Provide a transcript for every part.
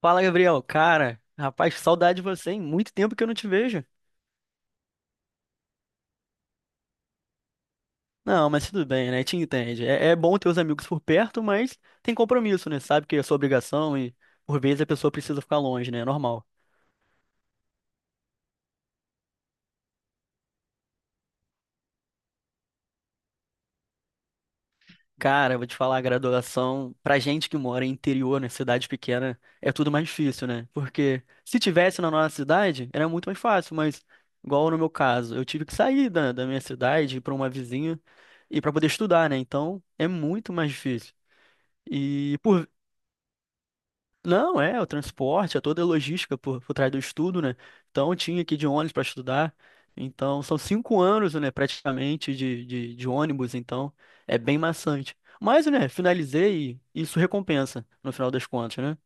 Fala, Gabriel. Cara, rapaz, saudade de você, hein? Muito tempo que eu não te vejo. Não, mas tudo bem, né? Te entende. É bom ter os amigos por perto, mas tem compromisso, né? Sabe que é sua obrigação e por vezes a pessoa precisa ficar longe, né? É normal. Cara, vou te falar, a graduação, pra gente que mora em interior, né, cidade pequena, é tudo mais difícil, né? Porque se tivesse na nossa cidade, era muito mais fácil, mas igual no meu caso, eu tive que sair da minha cidade para uma vizinha e para poder estudar, né? Então, é muito mais difícil. E por Não, é, o transporte, é toda a logística por trás do estudo, né? Então, eu tinha que ir de ônibus para estudar. Então, são cinco anos, né, praticamente, de ônibus. Então, é bem maçante. Mas, né, finalizei e isso recompensa, no final das contas, né?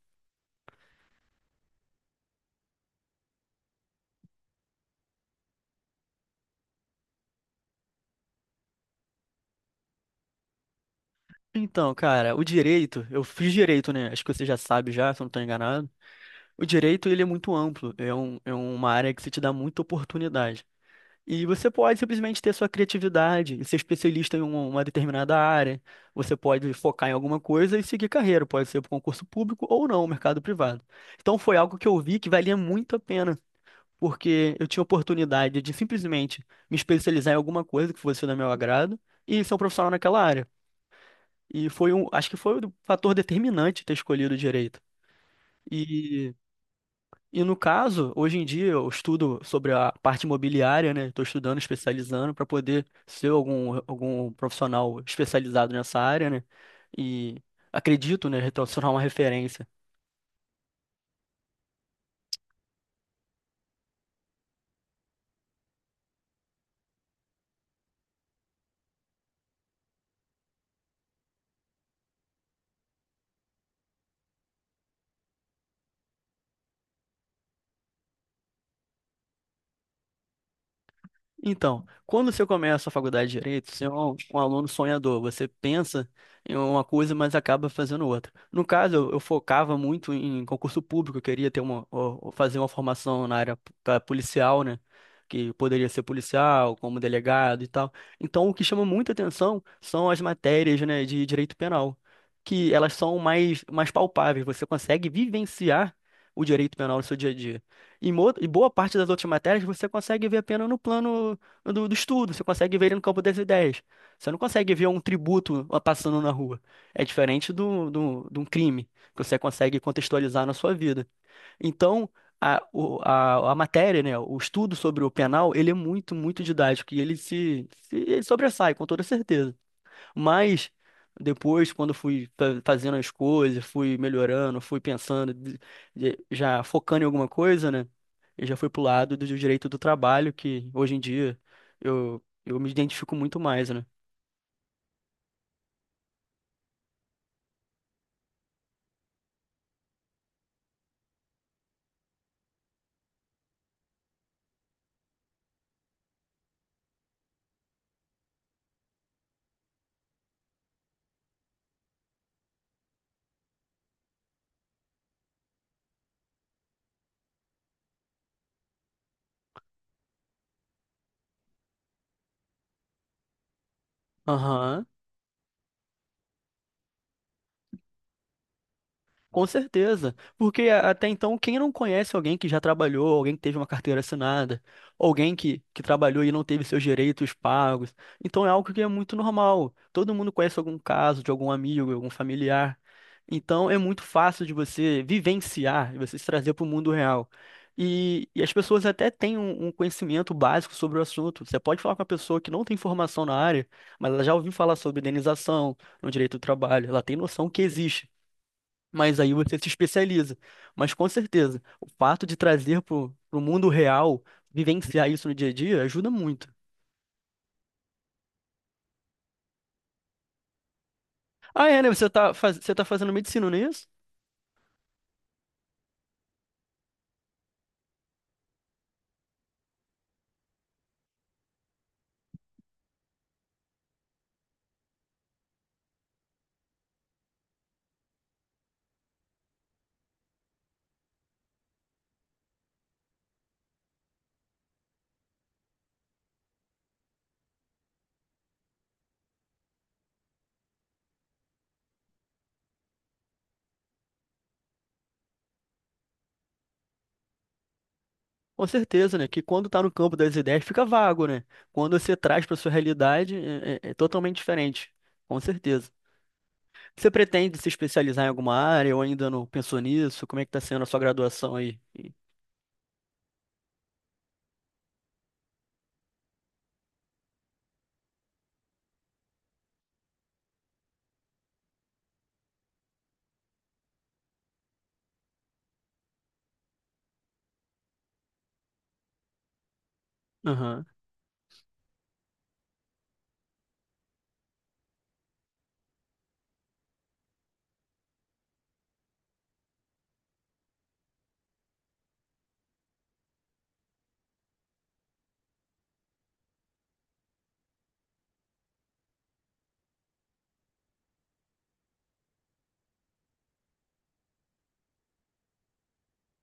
Então, cara, o direito, eu fiz direito, né? Acho que você já sabe já, se eu não estou enganado. O direito, ele é muito amplo. É uma área que se te dá muita oportunidade. E você pode simplesmente ter sua criatividade e ser especialista em uma determinada área. Você pode focar em alguma coisa e seguir carreira, pode ser para concurso público ou não, mercado privado. Então foi algo que eu vi que valia muito a pena, porque eu tinha oportunidade de simplesmente me especializar em alguma coisa que fosse do meu agrado e ser um profissional naquela área. E foi um, acho que foi o fator determinante ter escolhido direito. E no caso, hoje em dia eu estudo sobre a parte imobiliária, né? Estou estudando, especializando para poder ser algum profissional especializado nessa área, né? E acredito, né, retornar uma referência. Então, quando você começa a faculdade de Direito, você é um aluno sonhador, você pensa em uma coisa, mas acaba fazendo outra. No caso, eu focava muito em concurso público, eu queria ter uma, ó, fazer uma formação na área da policial, né? Que poderia ser policial, como delegado e tal. Então, o que chama muita atenção são as matérias, né, de direito penal, que elas são mais palpáveis, você consegue vivenciar o direito penal no seu dia a dia. Em boa parte das outras matérias, você consegue ver apenas no plano do estudo, você consegue ver ele no campo das ideias. Você não consegue ver um tributo passando na rua. É diferente de um crime, que você consegue contextualizar na sua vida. Então, a matéria, né, o estudo sobre o penal, ele é muito, muito didático e ele se, se ele sobressai, com toda certeza. Mas depois, quando eu fui fazendo as coisas, fui melhorando, fui pensando, já focando em alguma coisa, né? Eu já fui pro lado do direito do trabalho, que hoje em dia eu me identifico muito mais, né? Aham. Com certeza, porque até então, quem não conhece alguém que já trabalhou, alguém que teve uma carteira assinada, alguém que trabalhou e não teve seus direitos pagos? Então é algo que é muito normal. Todo mundo conhece algum caso de algum amigo, algum familiar. Então é muito fácil de você vivenciar, de você se trazer para o mundo real. E as pessoas até têm um conhecimento básico sobre o assunto. Você pode falar com uma pessoa que não tem formação na área, mas ela já ouviu falar sobre indenização no direito do trabalho, ela tem noção que existe, mas aí você se especializa. Mas com certeza, o fato de trazer para o mundo real, vivenciar isso no dia a dia, ajuda muito. Ah, é, né? Você tá, você tá fazendo medicina, não é isso? Com certeza, né? Que quando tá no campo das ideias fica vago, né? Quando você traz para sua realidade, é totalmente diferente. Com certeza. Você pretende se especializar em alguma área ou ainda não pensou nisso? Como é que tá sendo a sua graduação aí? Aham.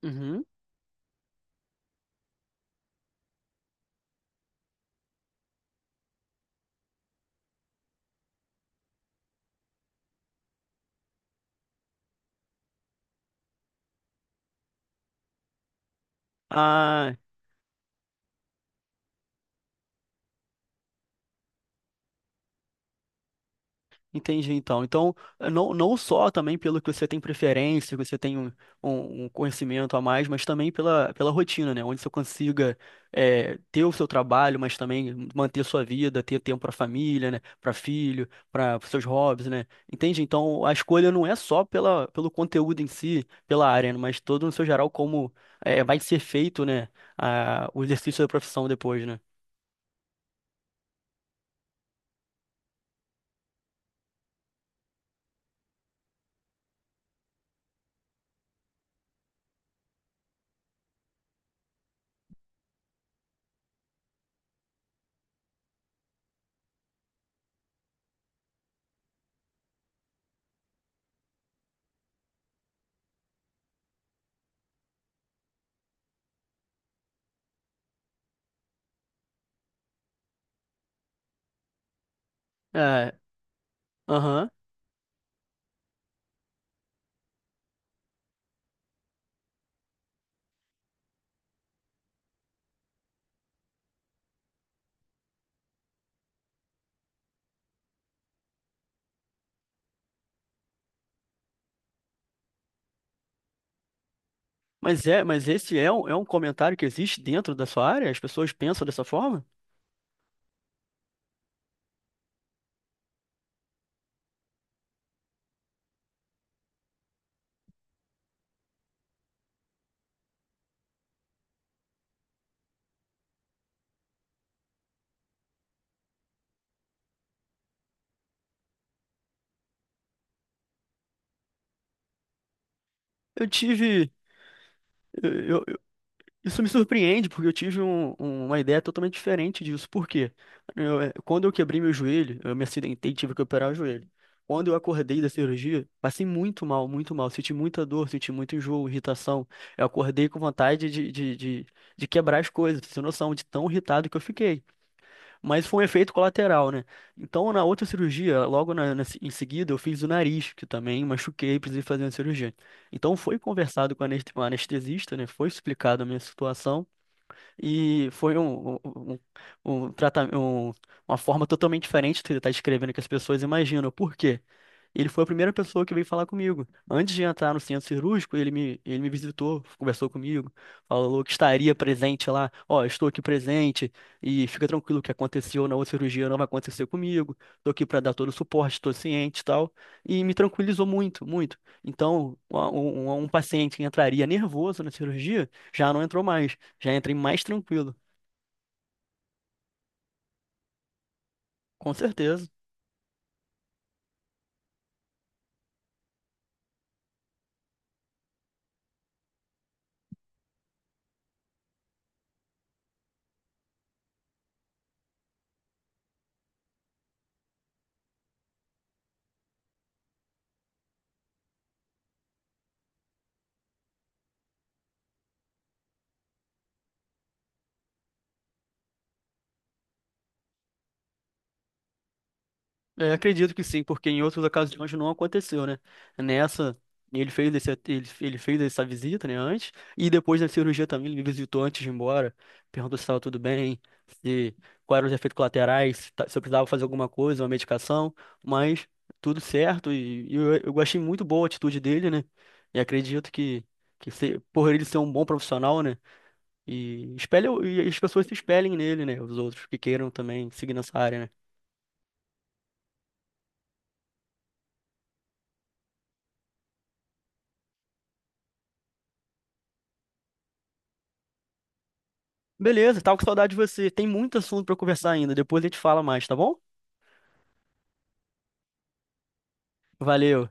Uhum. Ah, entendi. Então, Então, não, não só também pelo que você tem preferência, que você tem um conhecimento a mais, mas também pela rotina, né? Onde você consiga é ter o seu trabalho, mas também manter sua vida, ter tempo para família, né? Para filho, para seus hobbies, né? Entende? Então, a escolha não é só pelo conteúdo em si, pela área, né? Mas todo no seu geral como vai ser feito, né? O exercício da profissão depois, né? É, aham. Mas é, mas esse é um comentário que existe dentro da sua área? As pessoas pensam dessa forma? Eu tive. eu- eu- isso me surpreende, porque eu tive uma ideia totalmente diferente disso. Por quê? Eu, quando eu quebrei meu joelho, eu me acidentei e tive que operar o joelho. Quando eu acordei da cirurgia, passei muito mal, muito mal. Senti muita dor, senti muito enjoo, irritação. Eu acordei com vontade de quebrar as coisas, sem noção de tão irritado que eu fiquei. Mas foi um efeito colateral, né? Então, na outra cirurgia, logo na- na se- em seguida, eu fiz o nariz, que também machuquei, precisei fazer uma cirurgia. Então, foi conversado com o com o anestesista, né? Foi explicado a minha situação. E foi um um trata- um- uma forma totalmente diferente de estar escrevendo que as pessoas imaginam. Por quê? Ele foi a primeira pessoa que veio falar comigo. Antes de entrar no centro cirúrgico, ele me visitou, conversou comigo, falou que estaria presente lá. Ó, estou aqui presente e fica tranquilo, o que aconteceu na outra cirurgia não vai acontecer comigo. Estou aqui para dar todo o suporte, estou ciente e tal. E me tranquilizou muito, muito. Então, paciente que entraria nervoso na cirurgia já não entrou mais. Já entrei mais tranquilo, com certeza. É, acredito que sim, porque em outras ocasiões não aconteceu, né? Nessa, ele fez essa visita, né, antes, e depois da cirurgia também, ele me visitou antes de ir embora, perguntou se estava tudo bem, se quais eram os efeitos colaterais, se eu precisava fazer alguma coisa, uma medicação, mas tudo certo, eu achei muito boa a atitude dele, né? E acredito que, por ele ser um bom profissional, né? E espelha, e as pessoas se espelhem nele, né? Os outros que queiram também seguir nessa área, né? Beleza, tava com saudade de você. Tem muito assunto pra conversar ainda. Depois a gente fala mais, tá bom? Valeu.